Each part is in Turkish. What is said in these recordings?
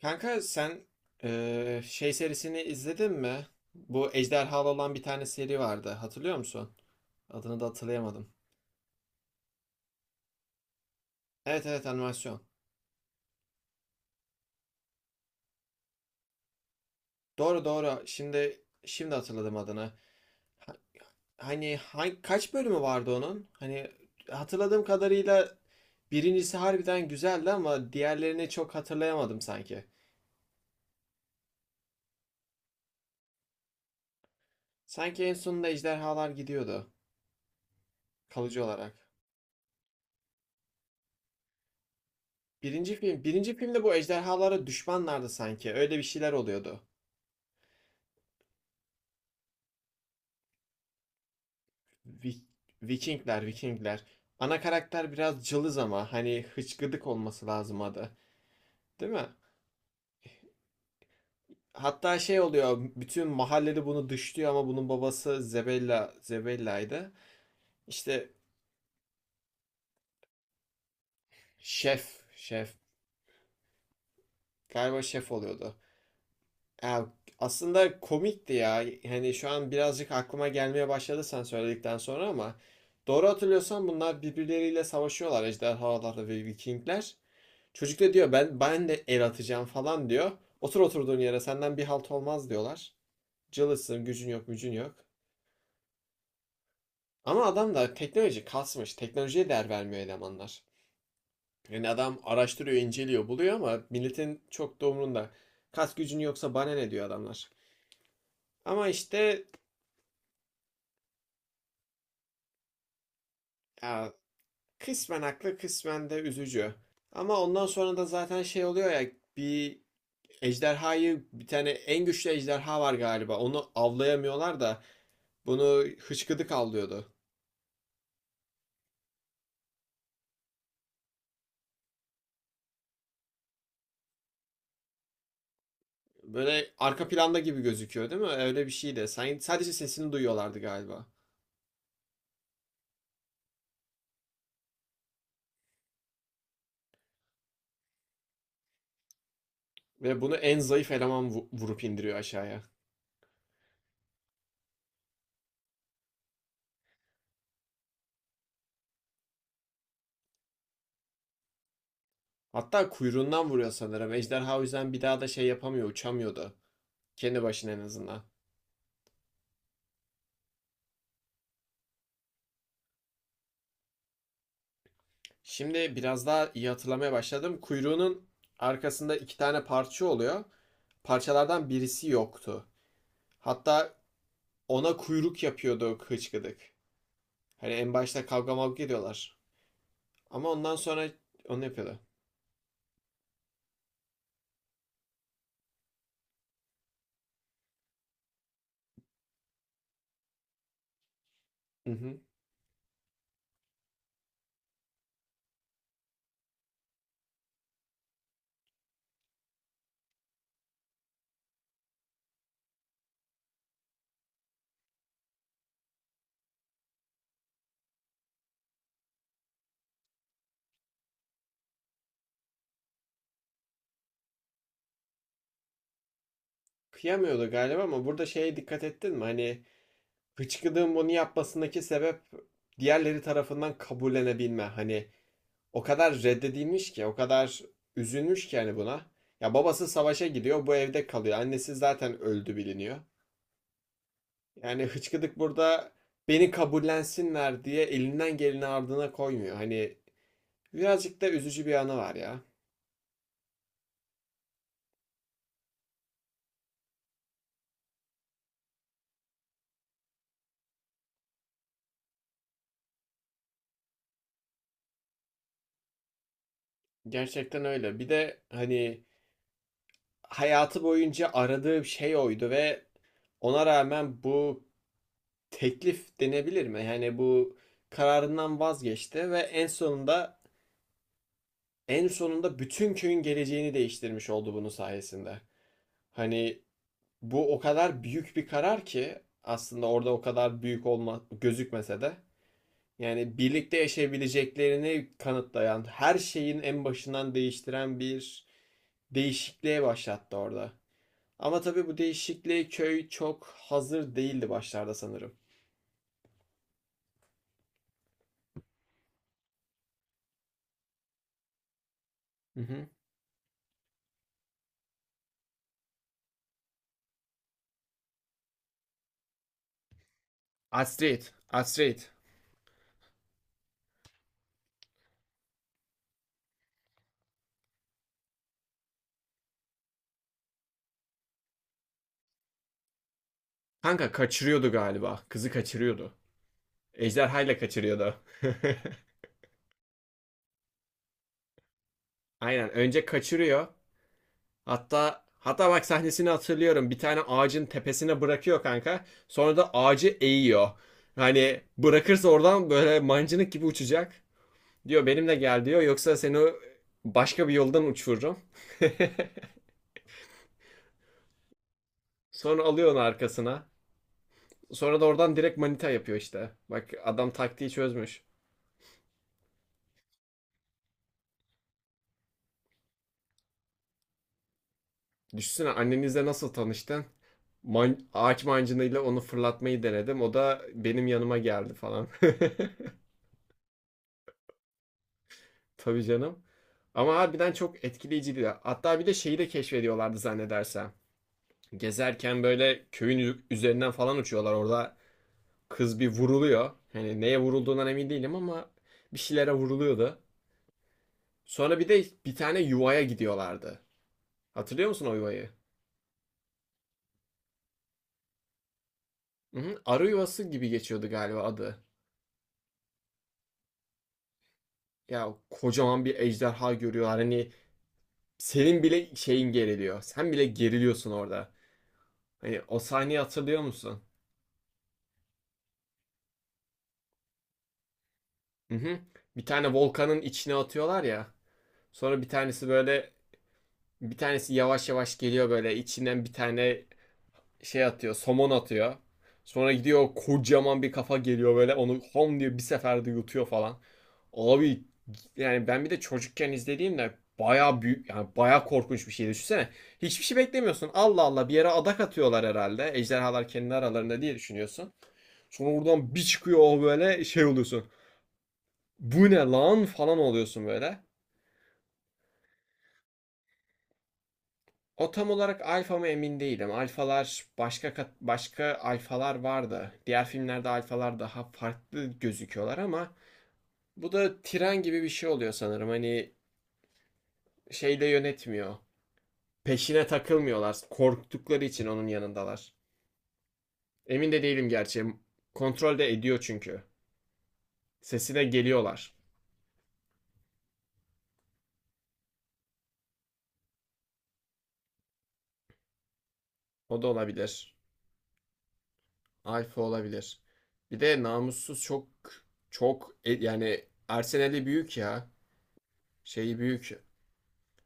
Kanka, sen şey serisini izledin mi? Bu ejderhalı olan bir tane seri vardı. Hatırlıyor musun? Adını da hatırlayamadım. Evet, evet, animasyon. Doğru, doğru. Şimdi hatırladım adını. Ha- Hani, kaç bölümü vardı onun? Hani, hatırladığım kadarıyla birincisi harbiden güzeldi ama diğerlerini çok hatırlayamadım sanki. Sanki en sonunda ejderhalar gidiyordu kalıcı olarak. Birinci filmde bu ejderhalara düşmanlardı sanki. Öyle bir şeyler oluyordu. Vi- Vikingler, Vikingler. Ana karakter biraz cılız ama hani, hıçkıdık olması lazım adı. Değil mi? Hatta şey oluyor, bütün mahallede bunu dışlıyor ama bunun babası Zebella'ydı. İşte, şef, şef. Galiba şef oluyordu. Ya, aslında komikti ya. Hani, şu an birazcık aklıma gelmeye başladı sen söyledikten sonra ama doğru hatırlıyorsam bunlar birbirleriyle savaşıyorlar ejderhalarla ve Vikingler. Çocuk da diyor ben de el atacağım falan diyor. Oturduğun yere senden bir halt olmaz diyorlar. Cılızsın, gücün yok, gücün yok. Ama adam da teknoloji kasmış. Teknolojiye değer vermiyor elemanlar. Yani adam araştırıyor, inceliyor, buluyor ama milletin çok da umrunda. Kas gücün yoksa bana ne diyor adamlar. Ama işte, ya, kısmen haklı, kısmen de üzücü. Ama ondan sonra da zaten şey oluyor ya, bir bir tane en güçlü ejderha var galiba. Onu avlayamıyorlar da bunu hıçkıdık avlıyordu. Böyle arka planda gibi gözüküyor değil mi? Öyle bir şeydi. Sen, sadece sesini duyuyorlardı galiba. Ve bunu en zayıf eleman vurup indiriyor aşağıya. Hatta kuyruğundan vuruyor sanırım. Ejderha o yüzden bir daha da şey yapamıyor, uçamıyordu. Kendi başına en azından. Şimdi biraz daha iyi hatırlamaya başladım. Kuyruğunun arkasında iki tane parça oluyor. Parçalardan birisi yoktu. Hatta ona kuyruk yapıyordu hıçkıdık. Hani, en başta kavga mavga ediyorlar. Ama ondan sonra onu yapıyordu. Hı hı. Kıyamıyordu galiba ama burada şeye dikkat ettin mi? Hani, hıçkırığın bunu yapmasındaki sebep diğerleri tarafından kabullenebilme. Hani, o kadar reddedilmiş ki, o kadar üzülmüş ki yani buna. Ya, babası savaşa gidiyor, bu evde kalıyor. Annesi zaten öldü biliniyor. Yani hıçkıdık burada beni kabullensinler diye elinden geleni ardına koymuyor. Hani, birazcık da üzücü bir anı var ya. Gerçekten öyle. Bir de hani, hayatı boyunca aradığı şey oydu ve ona rağmen bu teklif denebilir mi? Yani bu kararından vazgeçti ve en sonunda bütün köyün geleceğini değiştirmiş oldu bunun sayesinde. Hani, bu o kadar büyük bir karar ki aslında orada o kadar büyük olma gözükmese de yani birlikte yaşayabileceklerini kanıtlayan, her şeyin en başından değiştiren bir değişikliğe başlattı orada. Ama tabii bu değişikliğe köy çok hazır değildi başlarda sanırım. Hı hı. Astrid, Astrid. Kanka, kaçırıyordu galiba. Kızı kaçırıyordu. Ejderhayla kaçırıyordu. Aynen. Önce kaçırıyor. Hatta bak, sahnesini hatırlıyorum. Bir tane ağacın tepesine bırakıyor kanka. Sonra da ağacı eğiyor. Hani, bırakırsa oradan böyle mancınık gibi uçacak. Diyor benimle gel diyor. Yoksa seni başka bir yoldan uçururum. Sonra alıyor onu arkasına. Sonra da oradan direkt manita yapıyor işte. Bak, adam taktiği çözmüş. Düşünsene, annenizle nasıl tanıştın? Ağaç mancınıyla onu fırlatmayı denedim. O da benim yanıma geldi falan. Tabii canım. Ama harbiden çok etkileyiciydi. Hatta bir de şeyi de keşfediyorlardı zannedersem. Gezerken böyle köyün üzerinden falan uçuyorlar. Orada kız bir vuruluyor. Hani, neye vurulduğundan emin değilim ama bir şeylere vuruluyordu. Sonra bir de bir tane yuvaya gidiyorlardı. Hatırlıyor musun o yuvayı? Hı hı. Arı yuvası gibi geçiyordu galiba adı. Ya, kocaman bir ejderha görüyorlar. Hani, senin bile şeyin geriliyor. Sen bile geriliyorsun orada. Hani, o sahneyi hatırlıyor musun? Hı hı. Bir tane volkanın içine atıyorlar ya. Sonra bir tanesi yavaş yavaş geliyor, böyle içinden bir tane şey atıyor, somon atıyor. Sonra gidiyor, kocaman bir kafa geliyor böyle, onu hom diyor bir seferde yutuyor falan. Abi, yani ben bir de çocukken izlediğimde baya büyük, yani baya korkunç bir şey düşünsene. Hiçbir şey beklemiyorsun. Allah Allah, bir yere adak atıyorlar herhalde. Ejderhalar kendi aralarında diye düşünüyorsun. Sonra oradan bir çıkıyor o, böyle şey oluyorsun. Bu ne lan falan oluyorsun böyle. O tam olarak alfa mı emin değilim. Alfalar başka, başka alfalar vardı. Diğer filmlerde alfalar daha farklı gözüküyorlar ama bu da tren gibi bir şey oluyor sanırım. Hani, şeyle yönetmiyor. Peşine takılmıyorlar. Korktukları için onun yanındalar. Emin de değilim gerçi. Kontrol de ediyor çünkü. Sesine geliyorlar. O da olabilir. Alfa olabilir. Bir de namussuz çok çok yani Arsenal'i büyük ya. Şeyi büyük.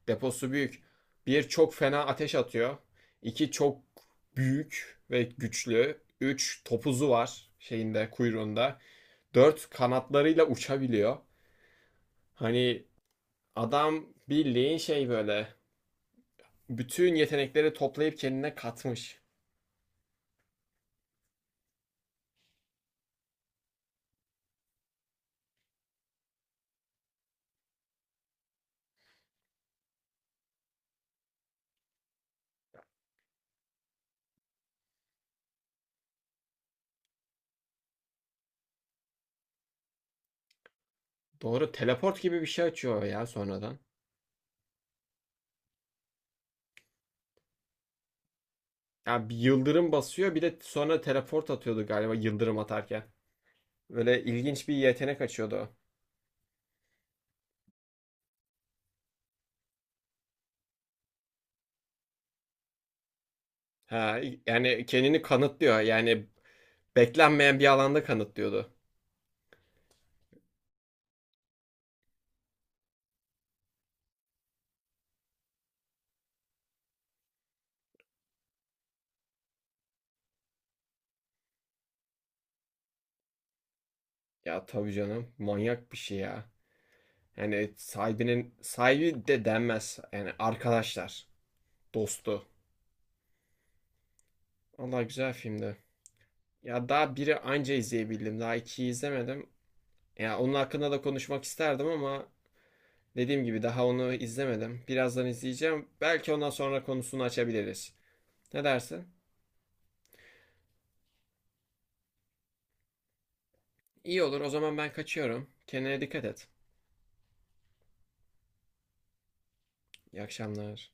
Deposu büyük. Bir, çok fena ateş atıyor. İki, çok büyük ve güçlü. Üç, topuzu var şeyinde kuyruğunda. Dört, kanatlarıyla uçabiliyor. Hani adam bildiğin şey böyle bütün yetenekleri toplayıp kendine katmış. Doğru, teleport gibi bir şey açıyor ya sonradan. Ya bir yıldırım basıyor bir de sonra teleport atıyordu galiba yıldırım atarken. Böyle ilginç bir yetenek açıyordu. Ha, yani kendini kanıtlıyor. Yani beklenmeyen bir alanda kanıtlıyordu. Ya, tabii canım, manyak bir şey ya. Yani sahibinin sahibi de denmez. Yani arkadaşlar, dostu. Allah, güzel filmdi. Ya daha biri anca izleyebildim. Daha ikiyi izlemedim. Ya onun hakkında da konuşmak isterdim ama dediğim gibi daha onu izlemedim. Birazdan izleyeceğim. Belki ondan sonra konusunu açabiliriz. Ne dersin? İyi olur. O zaman ben kaçıyorum. Kendine dikkat et. İyi akşamlar.